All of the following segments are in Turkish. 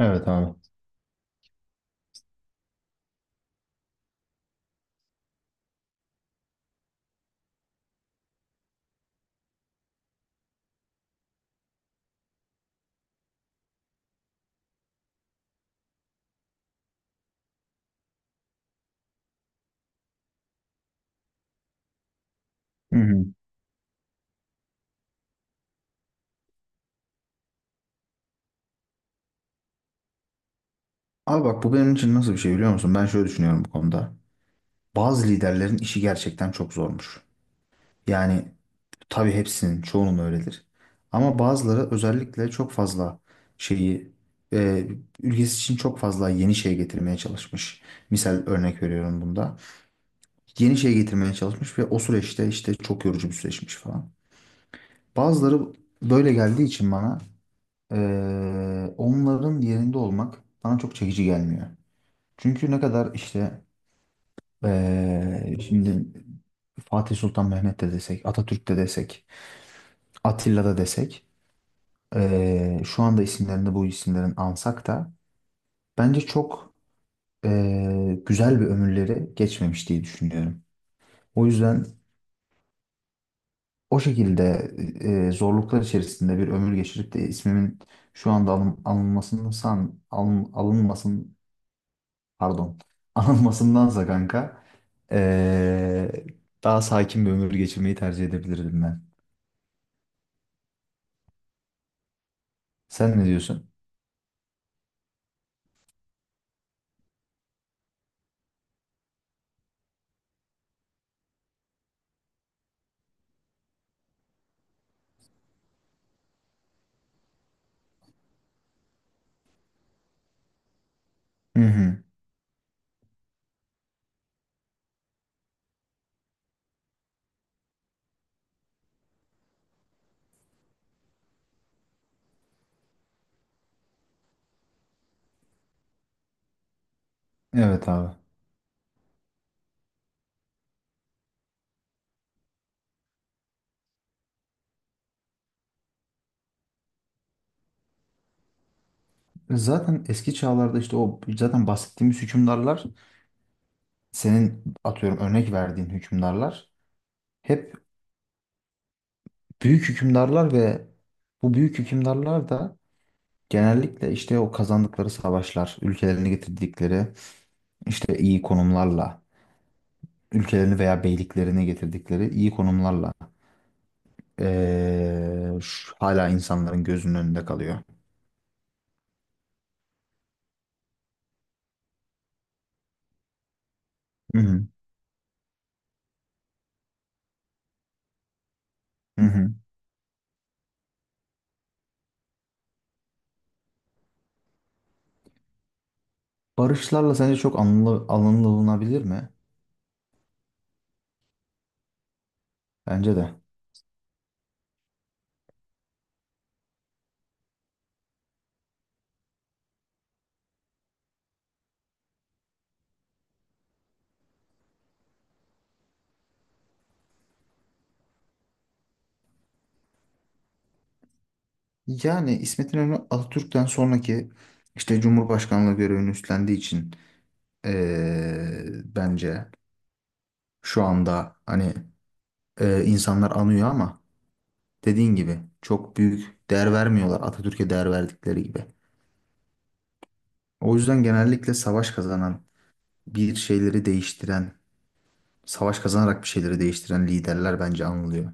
Evet abi. Hı hı. Abi bak, bu benim için nasıl bir şey biliyor musun? Ben şöyle düşünüyorum bu konuda. Bazı liderlerin işi gerçekten çok zormuş. Yani tabii hepsinin, çoğunun öyledir. Ama bazıları özellikle çok fazla şeyi, e, ülkesi için çok fazla yeni şey getirmeye çalışmış. Misal, örnek veriyorum bunda. Yeni şey getirmeye çalışmış ve o süreçte işte çok yorucu bir süreçmiş falan. Bazıları böyle geldiği için bana onların yerinde olmak bana çok çekici gelmiyor. Çünkü ne kadar işte şimdi Fatih Sultan Mehmet de desek, Atatürk de desek, Atilla da desek, şu anda isimlerinde bu isimlerin ansak da bence çok güzel bir ömürleri geçmemiş diye düşünüyorum. O yüzden o şekilde zorluklar içerisinde bir ömür geçirip de ismimin şu anda alınmasın, pardon, anılmasındansa kanka ee, daha sakin bir ömür geçirmeyi tercih edebilirdim ben. Sen ne diyorsun? Hı hı. Evet abi. Zaten eski çağlarda işte o zaten bahsettiğimiz hükümdarlar, senin atıyorum örnek verdiğin hükümdarlar hep büyük hükümdarlar ve bu büyük hükümdarlar da genellikle işte o kazandıkları savaşlar, işte iyi konumlarla ülkelerini veya beyliklerini getirdikleri iyi konumlarla hala insanların gözünün önünde kalıyor. Hı hı. Hı hı. Barışlarla sence çok anılınabilir mi? Bence de. Yani İsmet İnönü, Atatürk'ten sonraki işte Cumhurbaşkanlığı görevini üstlendiği için bence şu anda hani insanlar anıyor ama dediğin gibi çok büyük değer vermiyorlar Atatürk'e değer verdikleri gibi. O yüzden genellikle savaş kazanan, bir şeyleri değiştiren, savaş kazanarak bir şeyleri değiştiren liderler bence anılıyor.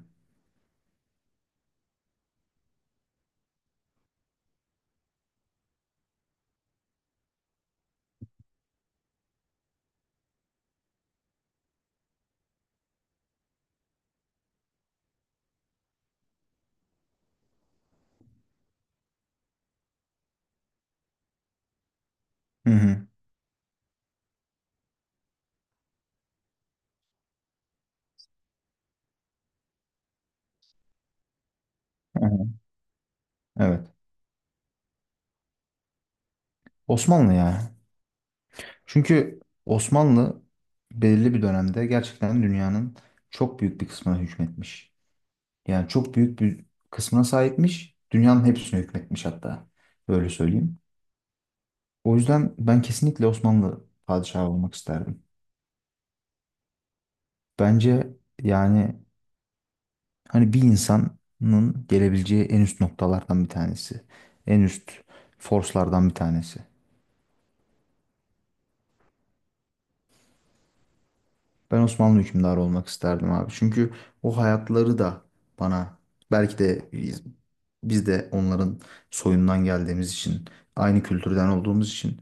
Hı hı. Hı hı. Evet. Osmanlı ya. Çünkü Osmanlı belirli bir dönemde gerçekten dünyanın çok büyük bir kısmına hükmetmiş. Yani çok büyük bir kısmına sahipmiş. Dünyanın hepsine hükmetmiş hatta. Böyle söyleyeyim. O yüzden ben kesinlikle Osmanlı padişahı olmak isterdim. Bence yani hani bir insanın gelebileceği en üst noktalardan bir tanesi. En üst forslardan bir tanesi. Ben Osmanlı hükümdarı olmak isterdim abi. Çünkü o hayatları da bana belki de biz de onların soyundan geldiğimiz için, aynı kültürden olduğumuz için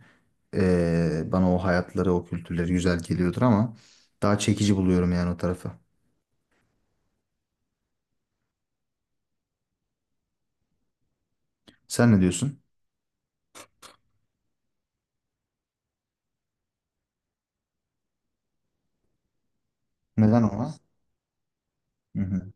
bana o hayatları, o kültürleri güzel geliyordur ama daha çekici buluyorum yani o tarafı. Sen ne diyorsun? Neden ona? Hı hı.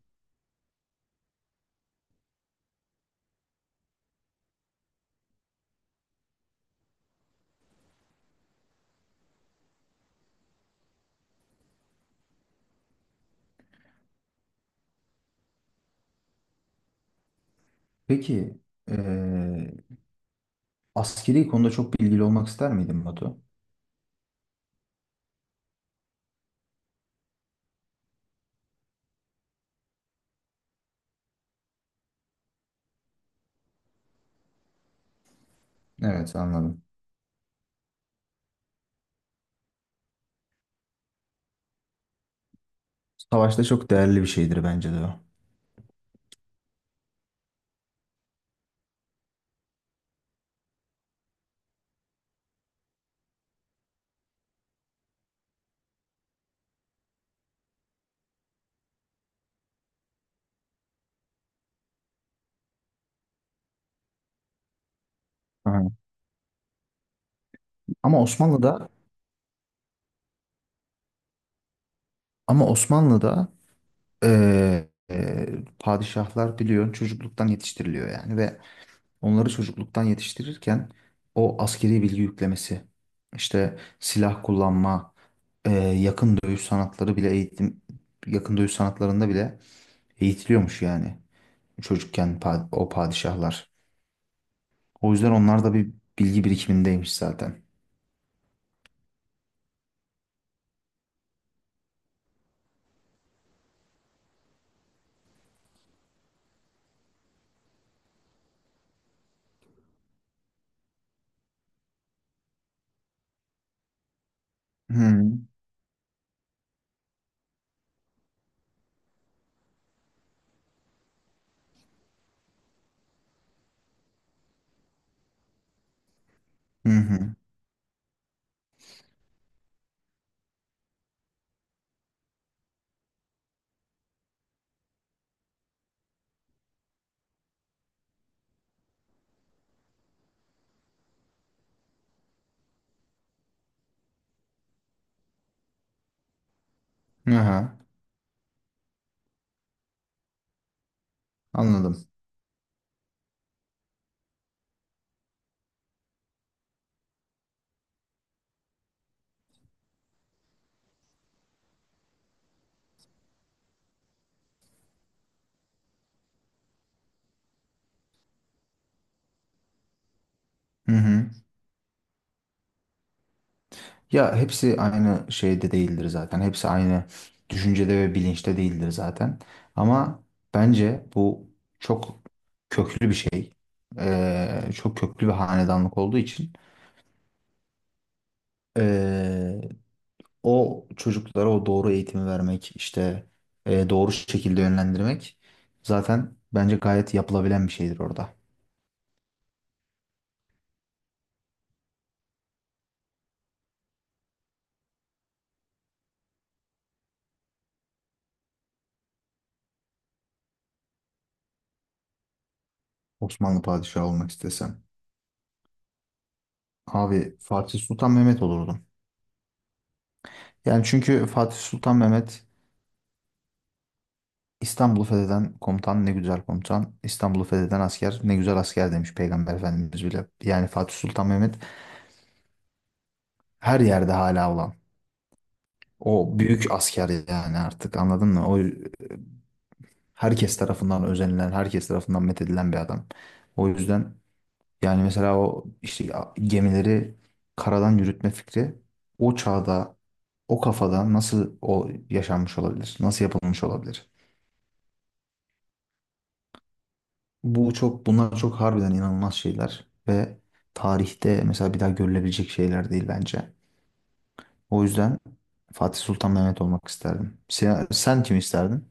Peki eee askeri konuda çok bilgili olmak ister miydin Batu? Evet, anladım. Savaşta çok değerli bir şeydir bence de o. Hı hı. Ama Osmanlı'da ama Osmanlı'da Ee, e, padişahlar biliyorsun çocukluktan yetiştiriliyor yani ve onları çocukluktan yetiştirirken o askeri bilgi yüklemesi, işte silah kullanma, e, yakın dövüş sanatları bile eğitim, yakın dövüş sanatlarında bile eğitiliyormuş yani çocukken o padişahlar. O yüzden onlar da bir bilgi birikimindeymiş zaten. Hı hı hı. Aha, anladım. Hı hı. Ya hepsi aynı şeyde değildir zaten. Hepsi aynı düşüncede ve bilinçte değildir zaten. Ama bence bu çok köklü bir şey. Çok köklü bir hanedanlık olduğu için ee, o çocuklara o doğru eğitimi vermek, işte doğru şekilde yönlendirmek zaten bence gayet yapılabilen bir şeydir orada. Osmanlı padişahı olmak istesem. Abi Fatih Sultan Mehmet olurdum. Yani çünkü Fatih Sultan Mehmet, İstanbul'u fetheden komutan ne güzel komutan, İstanbul'u fetheden asker ne güzel asker demiş Peygamber Efendimiz bile. Yani Fatih Sultan Mehmet her yerde hala olan. O büyük asker yani, artık anladın mı? O herkes tarafından özenilen, herkes tarafından methedilen bir adam. O yüzden, yani mesela o işte gemileri karadan yürütme fikri o çağda, o kafada nasıl o yaşanmış olabilir? Nasıl yapılmış olabilir? Bu çok bunlar çok harbiden inanılmaz şeyler ve tarihte mesela bir daha görülebilecek şeyler değil bence. O yüzden Fatih Sultan Mehmet olmak isterdim. Sen kim isterdin?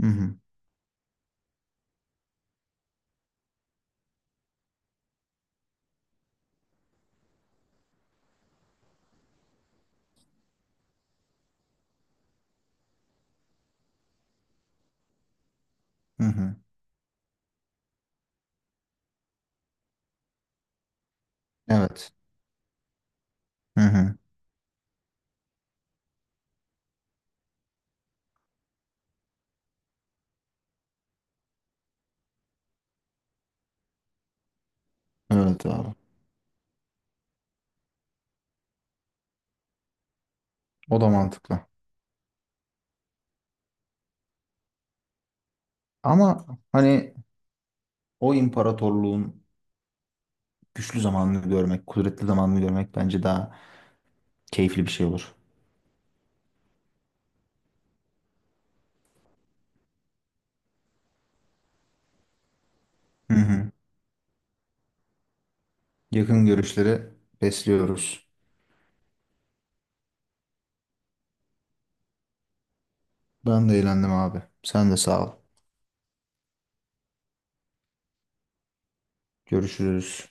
Hı hı. Hı hı. Evet. Hı hı. Evet abi. O da mantıklı. Ama hani o imparatorluğun güçlü zamanını görmek, kudretli zamanını görmek bence daha keyifli bir şey olur. Hı hı. Yakın görüşleri besliyoruz. Ben de eğlendim abi. Sen de sağ ol. Görüşürüz.